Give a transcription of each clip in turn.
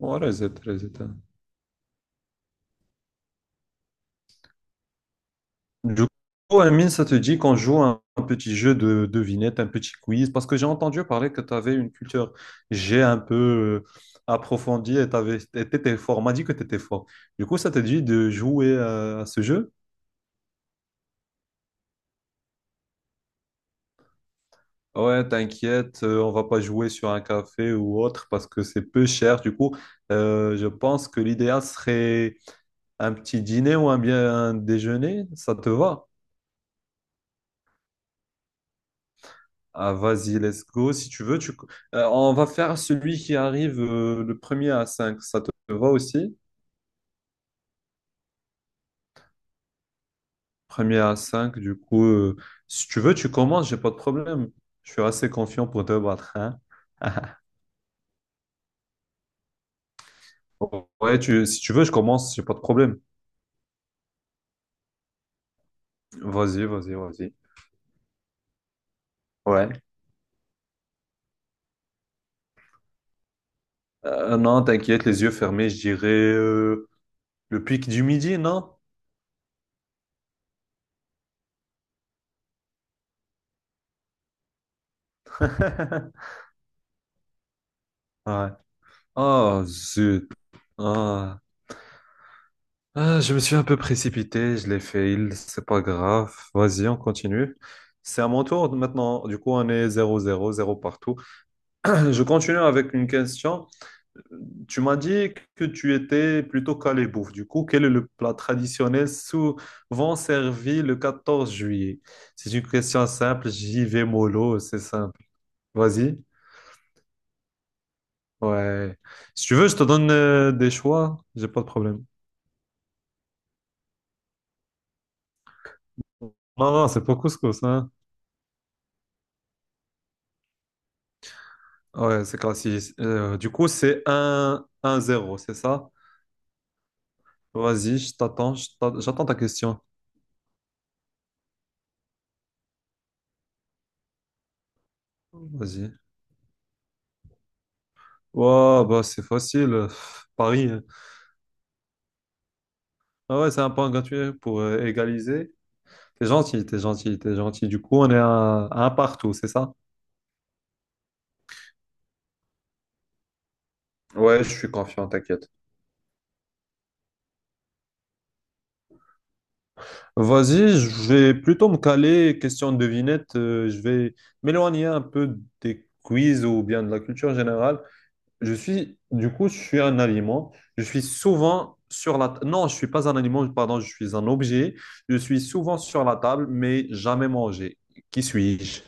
Ouais, reset, reset, hein. Du coup, Amine, ça te dit qu'on joue un petit jeu de devinette, un petit quiz, parce que j'ai entendu parler que tu avais une culture j'ai un peu approfondie et tu étais fort. On m'a dit que tu étais fort. Du coup, ça te dit de jouer à ce jeu? Ouais, t'inquiète, on va pas jouer sur un café ou autre parce que c'est peu cher. Du coup, je pense que l'idéal serait un petit dîner ou un bien un déjeuner. Ça te va? Ah, vas-y, let's go. Si tu veux, tu... On va faire celui qui arrive le premier à cinq. Ça te va aussi? Premier à cinq, du coup. Si tu veux, tu commences, j'ai pas de problème. Je suis assez confiant pour te battre, hein. Ouais, si tu veux, je commence, j'ai pas de problème. Vas-y, vas-y, vas-y. Ouais. Non, t'inquiète, les yeux fermés, je dirais le Pic du Midi, non? Ouais. Oh, zut. Ah. Ah, je me suis un peu précipité, je l'ai fait, c'est pas grave. Vas-y, on continue. C'est à mon tour maintenant. Du coup, on est zéro zéro zéro partout. Je continue avec une question. Tu m'as dit que tu étais plutôt calé bouffe. Du coup, quel est le plat traditionnel souvent servi le 14 juillet? C'est une question simple, j'y vais mollo, c'est simple. Vas-y. Ouais. Si tu veux, je te donne des choix, j'ai pas de problème. Non, non, c'est pas couscous, hein. Ouais, c'est classique. Du coup, c'est un zéro, c'est ça? Vas-y, je t'attends, j'attends ta question. Vas-y. Wow, bah c'est facile. Paris, hein. Ah ouais, c'est un point gratuit pour égaliser. T'es gentil, t'es gentil, t'es gentil. Du coup, on est à un partout, c'est ça? Ouais, je suis confiant, t'inquiète. Vas-y, je vais plutôt me caler, question de devinette. Je vais m'éloigner un peu des quiz ou bien de la culture générale. Je suis, du coup, je suis un aliment. Je suis souvent sur la— Non, je suis pas un aliment, pardon, je suis un objet. Je suis souvent sur la table, mais jamais mangé. Qui suis-je?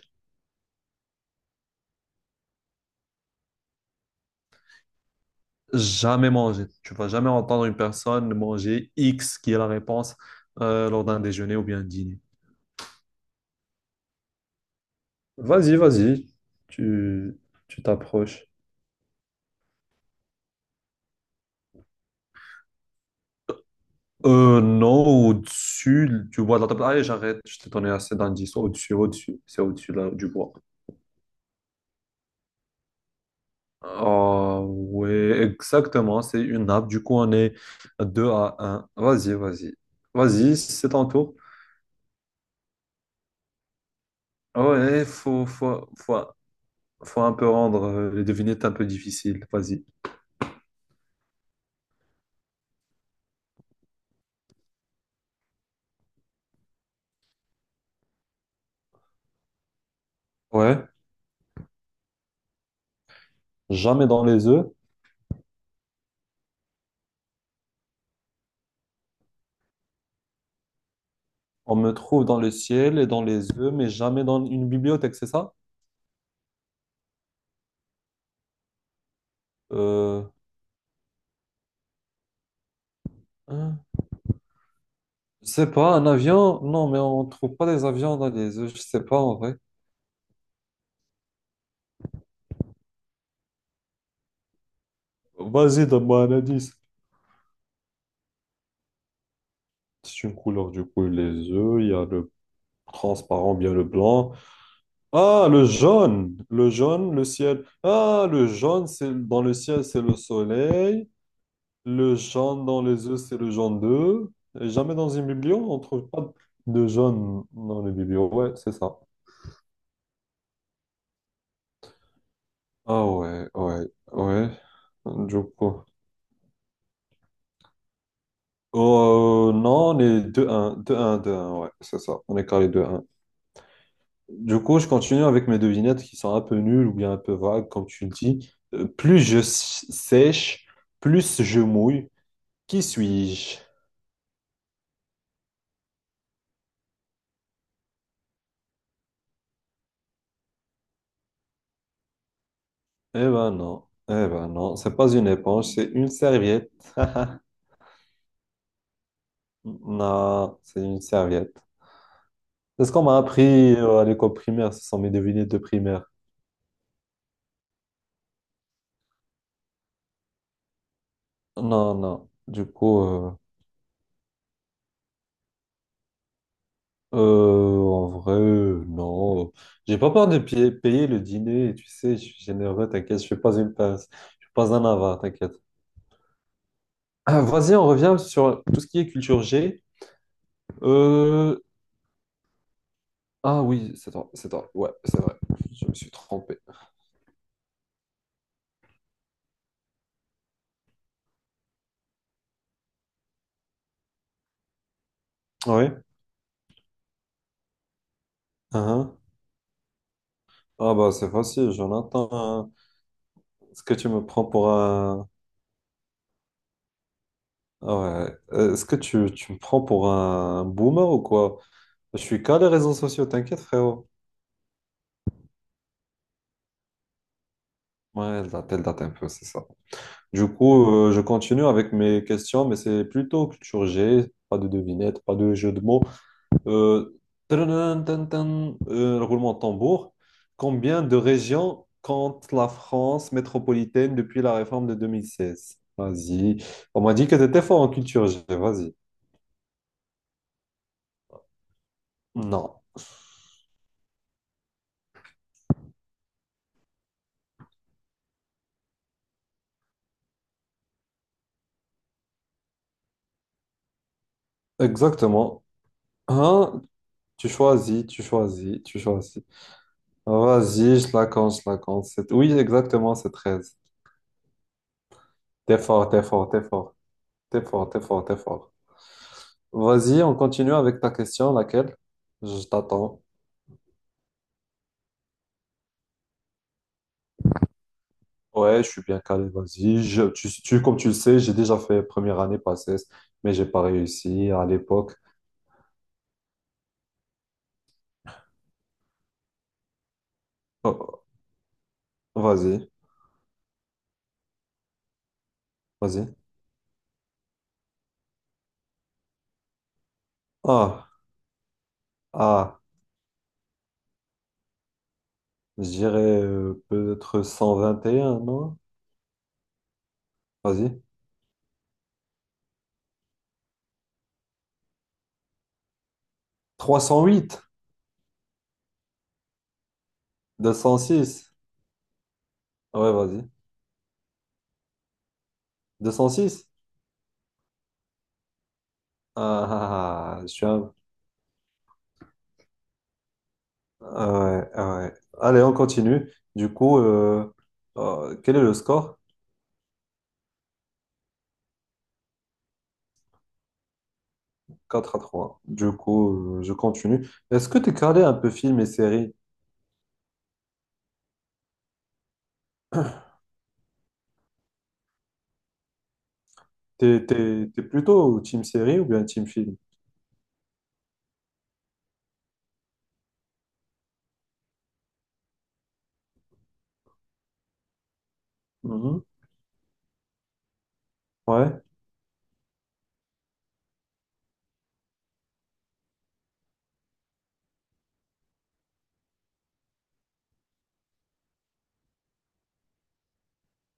Jamais mangé. Tu vas jamais entendre une personne manger X, qui est la réponse, lors d'un déjeuner ou bien un dîner. Vas-y, vas-y. Tu, tu t'approches. Non, au-dessus, tu vois, de la table. Allez, j'arrête. Je t'ai donné assez d'indices. Au-dessus, au-dessus. C'est au-dessus là, du bois. Ah ouais, exactement, c'est une nappe. Du coup, on est 2-1. Vas-y, vas-y. Vas-y, c'est ton tour. Ouais, faut un peu rendre les devinettes un peu difficiles. Vas-y. Ouais, jamais dans les œufs. On me trouve dans le ciel et dans les œufs, mais jamais dans une bibliothèque, c'est ça? Euh, hein, je sais pas, un avion? Non, mais on trouve pas des avions dans les œufs, je sais pas en vrai. Vas-y, donne-moi un indice. C'est une couleur, du coup, les œufs, il y a le transparent, bien le blanc. Ah, le jaune, le jaune, le ciel. Ah, le jaune, c'est dans le ciel, c'est le soleil. Le jaune dans les œufs, c'est le jaune d'œuf. Et jamais dans une bibliothèque, on trouve pas de jaune dans les bibliothèques. Ouais, c'est ça. Ah ouais, ouais, ouais. Du coup. Oh, non, on est 2-1, 2-1, 2-1, ouais, c'est ça. On est carré 2-1. Du coup, je continue avec mes devinettes qui sont un peu nulles ou bien un peu vagues, comme tu le dis. Plus sèche, plus je mouille. Qui suis-je? Eh ben non, c'est pas une éponge, c'est une serviette. Non, c'est une serviette. C'est ce qu'on m'a appris à l'école primaire, ce sont mes devinettes de primaire. Non, non, du coup, en vrai, non. J'ai pas peur de payer le dîner, tu sais, je suis généreux, t'inquiète, je suis pas une pince, je suis pas un avare, t'inquiète. Ah, vas-y, on revient sur tout ce qui est culture G. Euh, Ah oui, c'est toi, c'est toi. Ouais, c'est vrai. Je me suis trompé. Ah oui. Hein. Ah bah c'est facile, Jonathan, hein. Est-ce que tu me prends pour un... Ah ouais. Est-ce que tu me prends pour un boomer ou quoi? Je suis qu'à les réseaux sociaux, t'inquiète, frérot. Ouais, elle date un peu, c'est ça. Du coup, je continue avec mes questions, mais c'est plutôt culture G, pas de devinettes, pas de jeu de mots. Euh, Tadadun, tan, tan, roulement de tambour. Combien de régions compte la France métropolitaine depuis la réforme de 2016? Vas-y. On m'a dit que t'étais fort en culture G. Vas-y. Non. Exactement. Hein? Tu choisis, tu choisis, tu choisis. Vas-y, je la compte, je la compte. Oui, exactement, c'est 13. T'es fort, t'es fort, t'es fort. T'es fort, t'es fort, t'es fort. Vas-y, on continue avec ta question, laquelle? Je t'attends. Ouais, je suis bien calé, vas-y. Comme tu le sais, j'ai déjà fait première année passes mais j'ai pas réussi à l'époque. Oh, oh, vas-y, vas-y. Ah, ah, je dirais peut-être 121, non? Vas-y. 308. 206. Ouais, vas-y. 206? Ah, ah, ah, ah, je suis un... Ah ouais, ah ouais. Allez, on continue. Du coup, quel est le score? 4-3. Du coup, je continue. Est-ce que tu es calé un peu film et séries. T'es plutôt team série ou bien team film? Mhm. Ouais,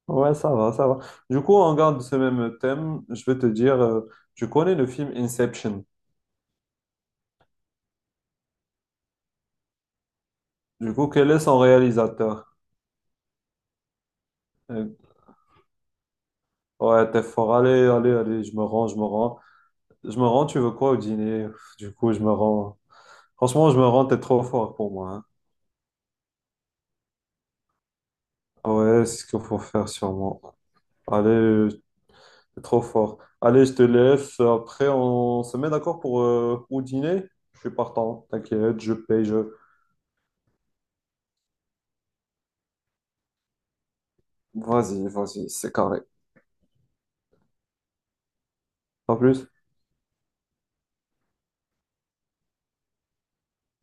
ouais, ça va, ça va. Du coup, on garde ce même thème. Je vais te dire, tu connais le film Inception. Du coup, quel est son réalisateur? Euh, ouais, t'es fort. Allez, allez, allez, je me rends, je me rends. Je me rends, tu veux quoi au dîner? Du coup, je me rends. Franchement, je me rends, t'es trop fort pour moi. Hein. Ouais, c'est ce qu'il faut faire sûrement. Allez, c'est trop fort. Allez, je te laisse. Après, on se met d'accord pour au dîner. Je suis partant. T'inquiète, je paye, je... Vas-y, vas-y, c'est carré. Pas plus.